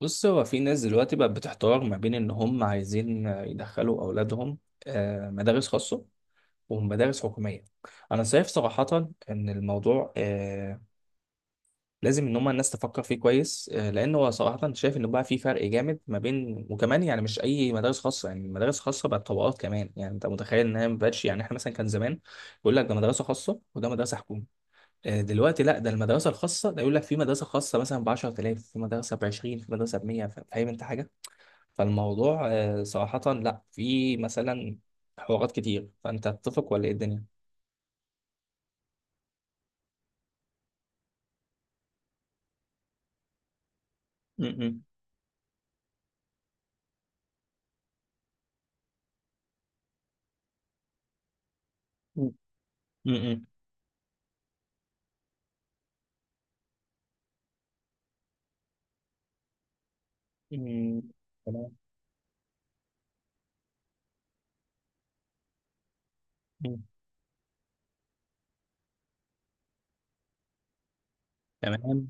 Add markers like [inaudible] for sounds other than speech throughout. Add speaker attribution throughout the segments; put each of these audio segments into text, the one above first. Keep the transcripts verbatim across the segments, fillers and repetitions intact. Speaker 1: بص هو في ناس دلوقتي بقت بتحتار ما بين ان هم عايزين يدخلوا اولادهم، آه، مدارس خاصه ومدارس حكوميه. انا شايف صراحه ان الموضوع آه، لازم ان هم الناس تفكر فيه كويس، آه، لان هو صراحه شايف انه بقى في فرق جامد ما بين، وكمان يعني مش اي مدارس خاصه، يعني مدارس خاصه بقت طبقات كمان، يعني انت متخيل انها ما بقتش، يعني احنا مثلا كان زمان يقول لك ده مدرسه خاصه وده مدرسه حكومه. آه، دلوقتي لا، ده المدرسه الخاصه ده يقول لك في مدرسه خاصه مثلا ب عشرة آلاف، في مدرسه ب عشرين، في مدرسه ب مية. فاهم انت حاجه؟ فالموضوع آه، صراحة لا، في مثلا حوارات كتير، فأنت تتفق ولا إيه الدنيا؟ م- م- م- م- تمام. م- تمام.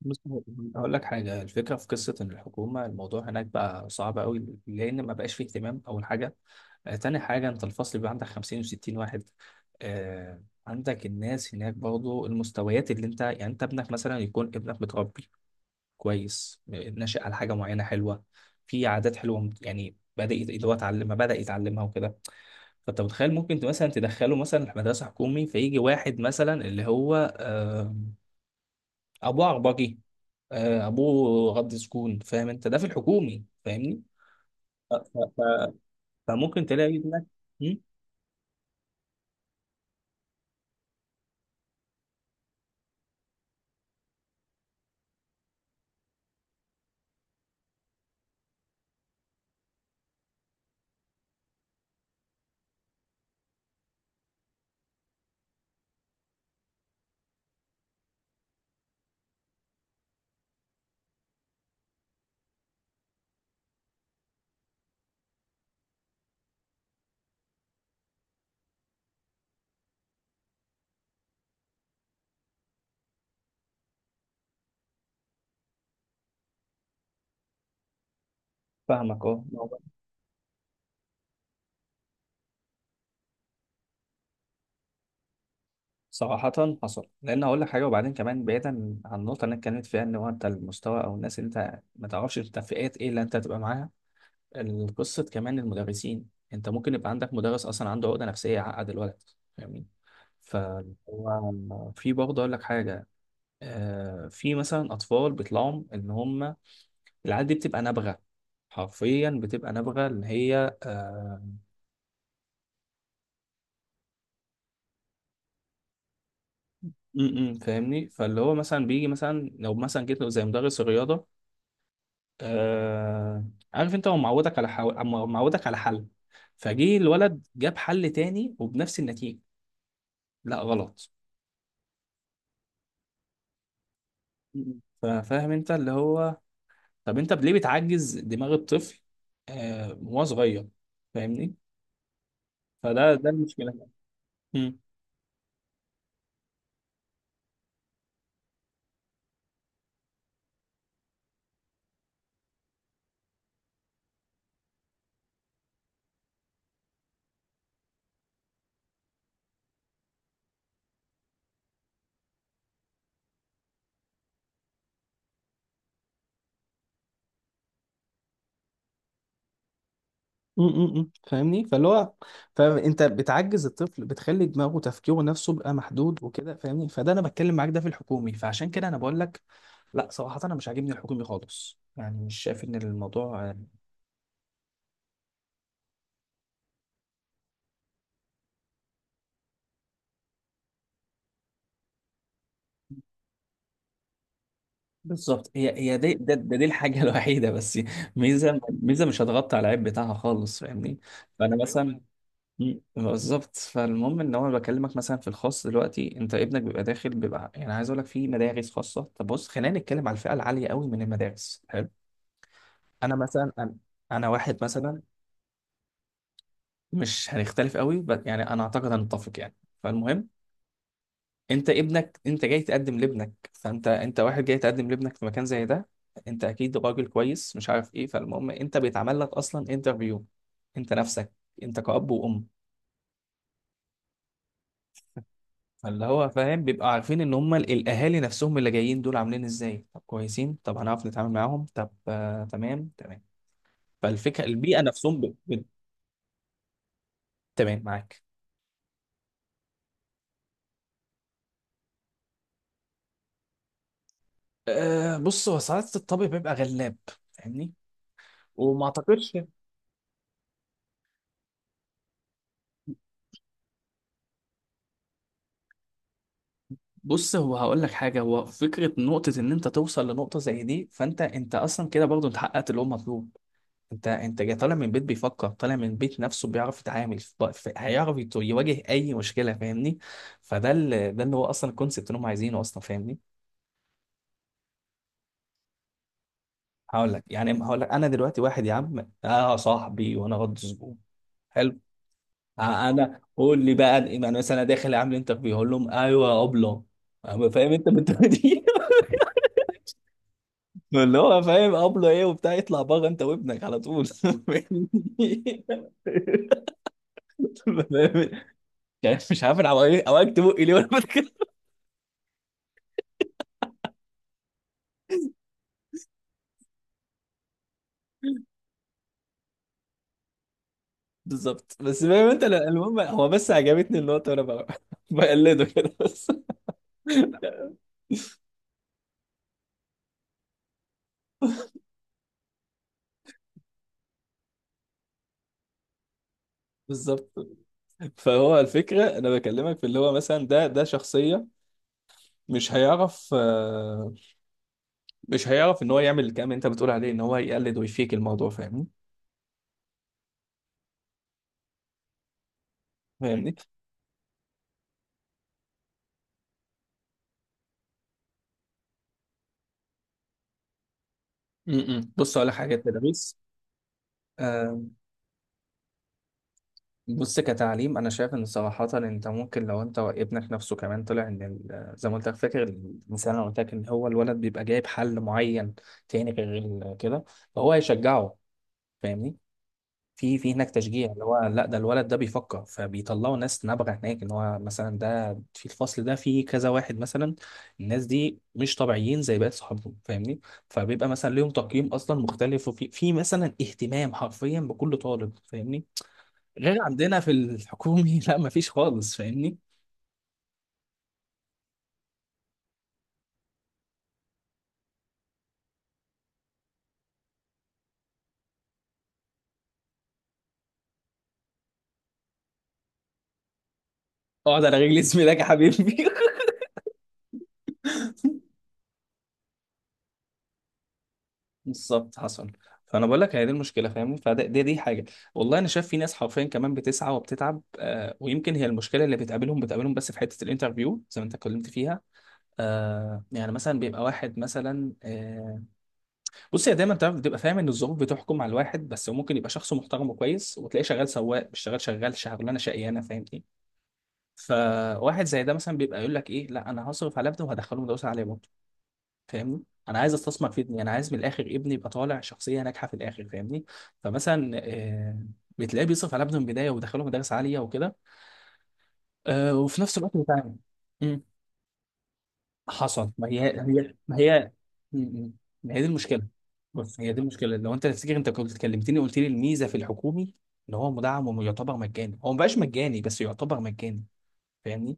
Speaker 1: بص هقول لك حاجة، الفكرة في قصة إن الحكومة الموضوع هناك بقى صعب قوي، لأن ما بقاش فيه اهتمام أول حاجة. آه، تاني حاجة أنت الفصل بيبقى عندك خمسين و60 واحد. آه، عندك الناس هناك برضه المستويات اللي أنت، يعني أنت ابنك مثلا يكون ابنك متربي كويس، ناشئ على حاجه معينه حلوه، في عادات حلوه، يعني بدا يت- اللي هو اتعلم ما بدا يتعلمها وكده. فانت متخيل ممكن ت- مثلا تدخله مثلا مدرسه حكومي، فيجي واحد مثلا اللي هو، آه، ابوه عربجي، آه، ابوه غض سكون. فاهم انت ده في الحكومي؟ فاهمني؟ ف- ف- ف- فممكن تلاقي ابنك. مم؟ فاهمك اه. صراحة حصل، لأن هقول لك حاجة. وبعدين كمان بعيدا عن النقطة اللي أنا اتكلمت فيها، إن هو أنت المستوى أو الناس اللي أنت ما تعرفش أنت فئات إيه اللي أنت هتبقى معاها. القصة كمان المدرسين، انت ممكن يبقى عندك مدرس اصلا عنده عقدة نفسية يعقد الولد. فاهمني؟ فهو في برضه اقول لك حاجة، آه، في مثلا اطفال بيطلعوا ان هم، العيال دي بتبقى نابغة، حرفيا بتبقى نابغة اللي هي آه، م- م، فاهمني، فاللي هو مثلا بيجي مثلا لو مثلا جيت له زي مدرس الرياضة، آه، عارف انت هو معودك على حو... معودك على حل. فجه الولد جاب حل تاني وبنفس النتيجة، لا غلط. فا- فاهم انت اللي هو، طب انت ليه بتعجز دماغ الطفل آه وهو صغير؟ فاهمني؟ فده ده المشكله. مم. امم فاهمني، فاللي هو، فانت بتعجز الطفل بتخلي دماغه تفكيره نفسه بقى محدود وكده. فاهمني؟ فده انا بتكلم معاك ده في الحكومي، فعشان كده انا بقول لك لا، صراحه انا مش عاجبني الحكومي خالص، يعني مش شايف ان الموضوع آه، بالظبط. هي هي دي ده, ده دي الحاجه [laughs] الوحيده بس. ميزه ميزه مش هتغطي على العيب بتاعها خالص. فاهمني؟ فانا مثلا، مم. بالظبط. فالمهم ان هو بكلمك مثلا في الخاص دلوقتي، انت ابنك بيبقى داخل بيبقى، يعني عايز اقول لك في مدارس خاصه. طب بص خلينا نتكلم على الفئه العاليه قوي من المدارس. حلو. انا مثلا، انا أنا واحد مثلا. مش هنختلف قوي بس يعني انا اعتقد هنتفق يعني. فالمهم، انت ابنك انت جاي تقدم لابنك، فانت انت واحد جاي تقدم لابنك في مكان زي ده. انت اكيد راجل كويس، مش عارف ايه. فالمهم، انت بيتعمل لك اصلا انترفيو، انت نفسك، انت كأب وأم. فاللي هو فاهم بيبقى عارفين ان هم ال- الاهالي نفسهم اللي جايين دول عاملين ازاي، طب كويسين، طب هنعرف نتعامل معاهم، طب آه تمام تمام. فالفكره البيئه نفسهم ب... ب... تمام معاك. آه بص هو ساعات الطبع بيبقى غلاب. فاهمني؟ وما اعتقدش. بص هو هقول لك حاجه، هو فكره نقطه ان انت توصل لنقطه زي دي، فانت انت اصلا كده برضو انت حققت اللي هو مطلوب. انت انت جاي طالع من بيت بيفكر، طالع من بيت نفسه، بيعرف يتعامل في في- هيعرف يت- يواجه اي مشكله. فاهمني؟ فده ال- ده اللي هو اصلا الكونسيبت اللي هم عايزينه اصلا. فاهمني؟ هقول لك يعني هقول لك انا دلوقتي واحد يا عم اه صاحبي وانا غض زبون. حلو. آه انا قول لي بقى، انا يعني مثلا انا داخل اعمل انترفيو اقول لهم ايوه يا ابله، أما فاهم انت بالطريقه دي. [laughs] اللي هو فاهم ابله ايه وبتاع، يطلع بره انت وابنك على طول [laughs] فاهمني؟ [laughs] يعني مش عارف انا، عواجبت بقي ليه وانا بتكلم. بالظبط. بس فاهم انت، لا، المهم هو بس عجبتني النقطة، وانا ب- [laughs] بقلده كده بس. بالظبط. فهو الفكرة انا بكلمك في اللي هو مثلا، ده ده شخصية مش هيعرف آه، مش هيعرف ان هو يعمل الكلام اللي انت بتقول عليه، ان هو يقلد ويفيك الموضوع. فاهمني؟ فاهمني؟ م- م. بص اقول لك حاجة، التدريس. بص كتعليم، انا شايف ان صراحه انت ممكن لو انت ابنك نفسه كمان طلع ان ال- آه، زي ما قلت لك فاكر الانسان، انا قلت لك ان هو الولد بيبقى جايب حل معين تاني غير ال- آه، كده. فهو هيشجعه. فاهمني؟ في في هناك تشجيع اللي هو لا ده الولد ده بيفكر، فبيطلعوا ناس نابغه هناك، ان هو مثلا ده في الفصل ده في كذا واحد مثلا. الناس دي مش طبيعيين زي باقي صحابهم. فاهمني؟ فبيبقى مثلا ليهم تقييم اصلا مختلف، وفي في مثلا اهتمام حرفيا بكل طالب. فاهمني؟ غير عندنا في الحكومي [laughs] لا، مفيش خالص. فاهمني؟ اقعد على رجل اسمي يا حبيبي. [laughs] بالظبط حصل. فانا بقول لك هي دي المشكله. فاهمني؟ فده دي, دي حاجه. والله انا شايف في ناس حرفيا كمان بتسعى وبتتعب، آه ويمكن هي المشكله اللي بتقابلهم بتقابلهم بس في حته الانترفيو زي ما انت اتكلمت فيها. آه يعني مثلا بيبقى واحد مثلا آه بص هي دايما تعرف بتبقى فاهم ان الظروف بتحكم على الواحد، بس هو ممكن يبقى شخص محترم وكويس، وتلاقيه شغال سواق مش شغال، شغال شغلانه شقيانه. فاهم؟ فواحد زي ده مثلا بيبقى يقول لك ايه، لا انا هصرف على ابني وهدخله مدرسه عاليه برضه. فاهمني؟ انا عايز استثمر في ابني، انا عايز من الاخر ابني يبقى طالع شخصيه ناجحه في الاخر. فاهمني؟ فمثلا آه بتلاقيه بيصرف على ابنه من البدايه ويدخله مدارس عاليه وكده، آه وفي نفس الوقت بتاع، حصل. ما هي هي ما هي مم. ما هي دي المشكله. بص هي دي المشكله، لو انت تفتكر انت كنت كلمتني قلت لي الميزه في الحكومي ان هو مدعم ويعتبر مجاني، هو ما بقاش مجاني بس يعتبر مجاني. فاهمني؟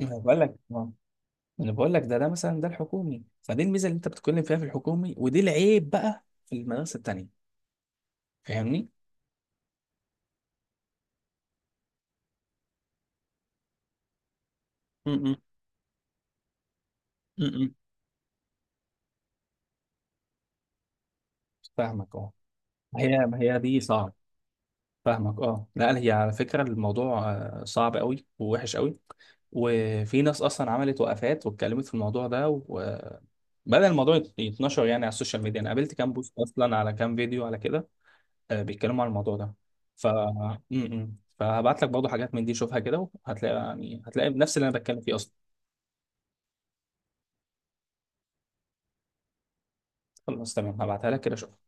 Speaker 1: ما بقول لك آه. انا بقول لك، ده ده مثلا ده الحكومي، فدي الميزه اللي انت بتتكلم فيها في الحكومي، ودي العيب بقى في المدارس التانيه. فاهمني؟ م-م. م-م. فاهمك اه. ما هي ما هي دي صعب. فاهمك اه، لا هي على فكره الموضوع آه، صعب قوي ووحش قوي. وفي ناس اصلا عملت وقفات واتكلمت في الموضوع ده، وبدأ الموضوع يت- يتنشر يعني على السوشيال ميديا. انا قابلت كام بوست اصلا، على كام فيديو، على كده، آه، بيتكلموا على الموضوع ده. ف م-م. فهبعت لك برضه حاجات من دي، شوفها كده، وهتلاقي يعني هتلاقي نفس اللي انا بتكلم فيه اصلا. خلاص تمام، هبعتها لك كده.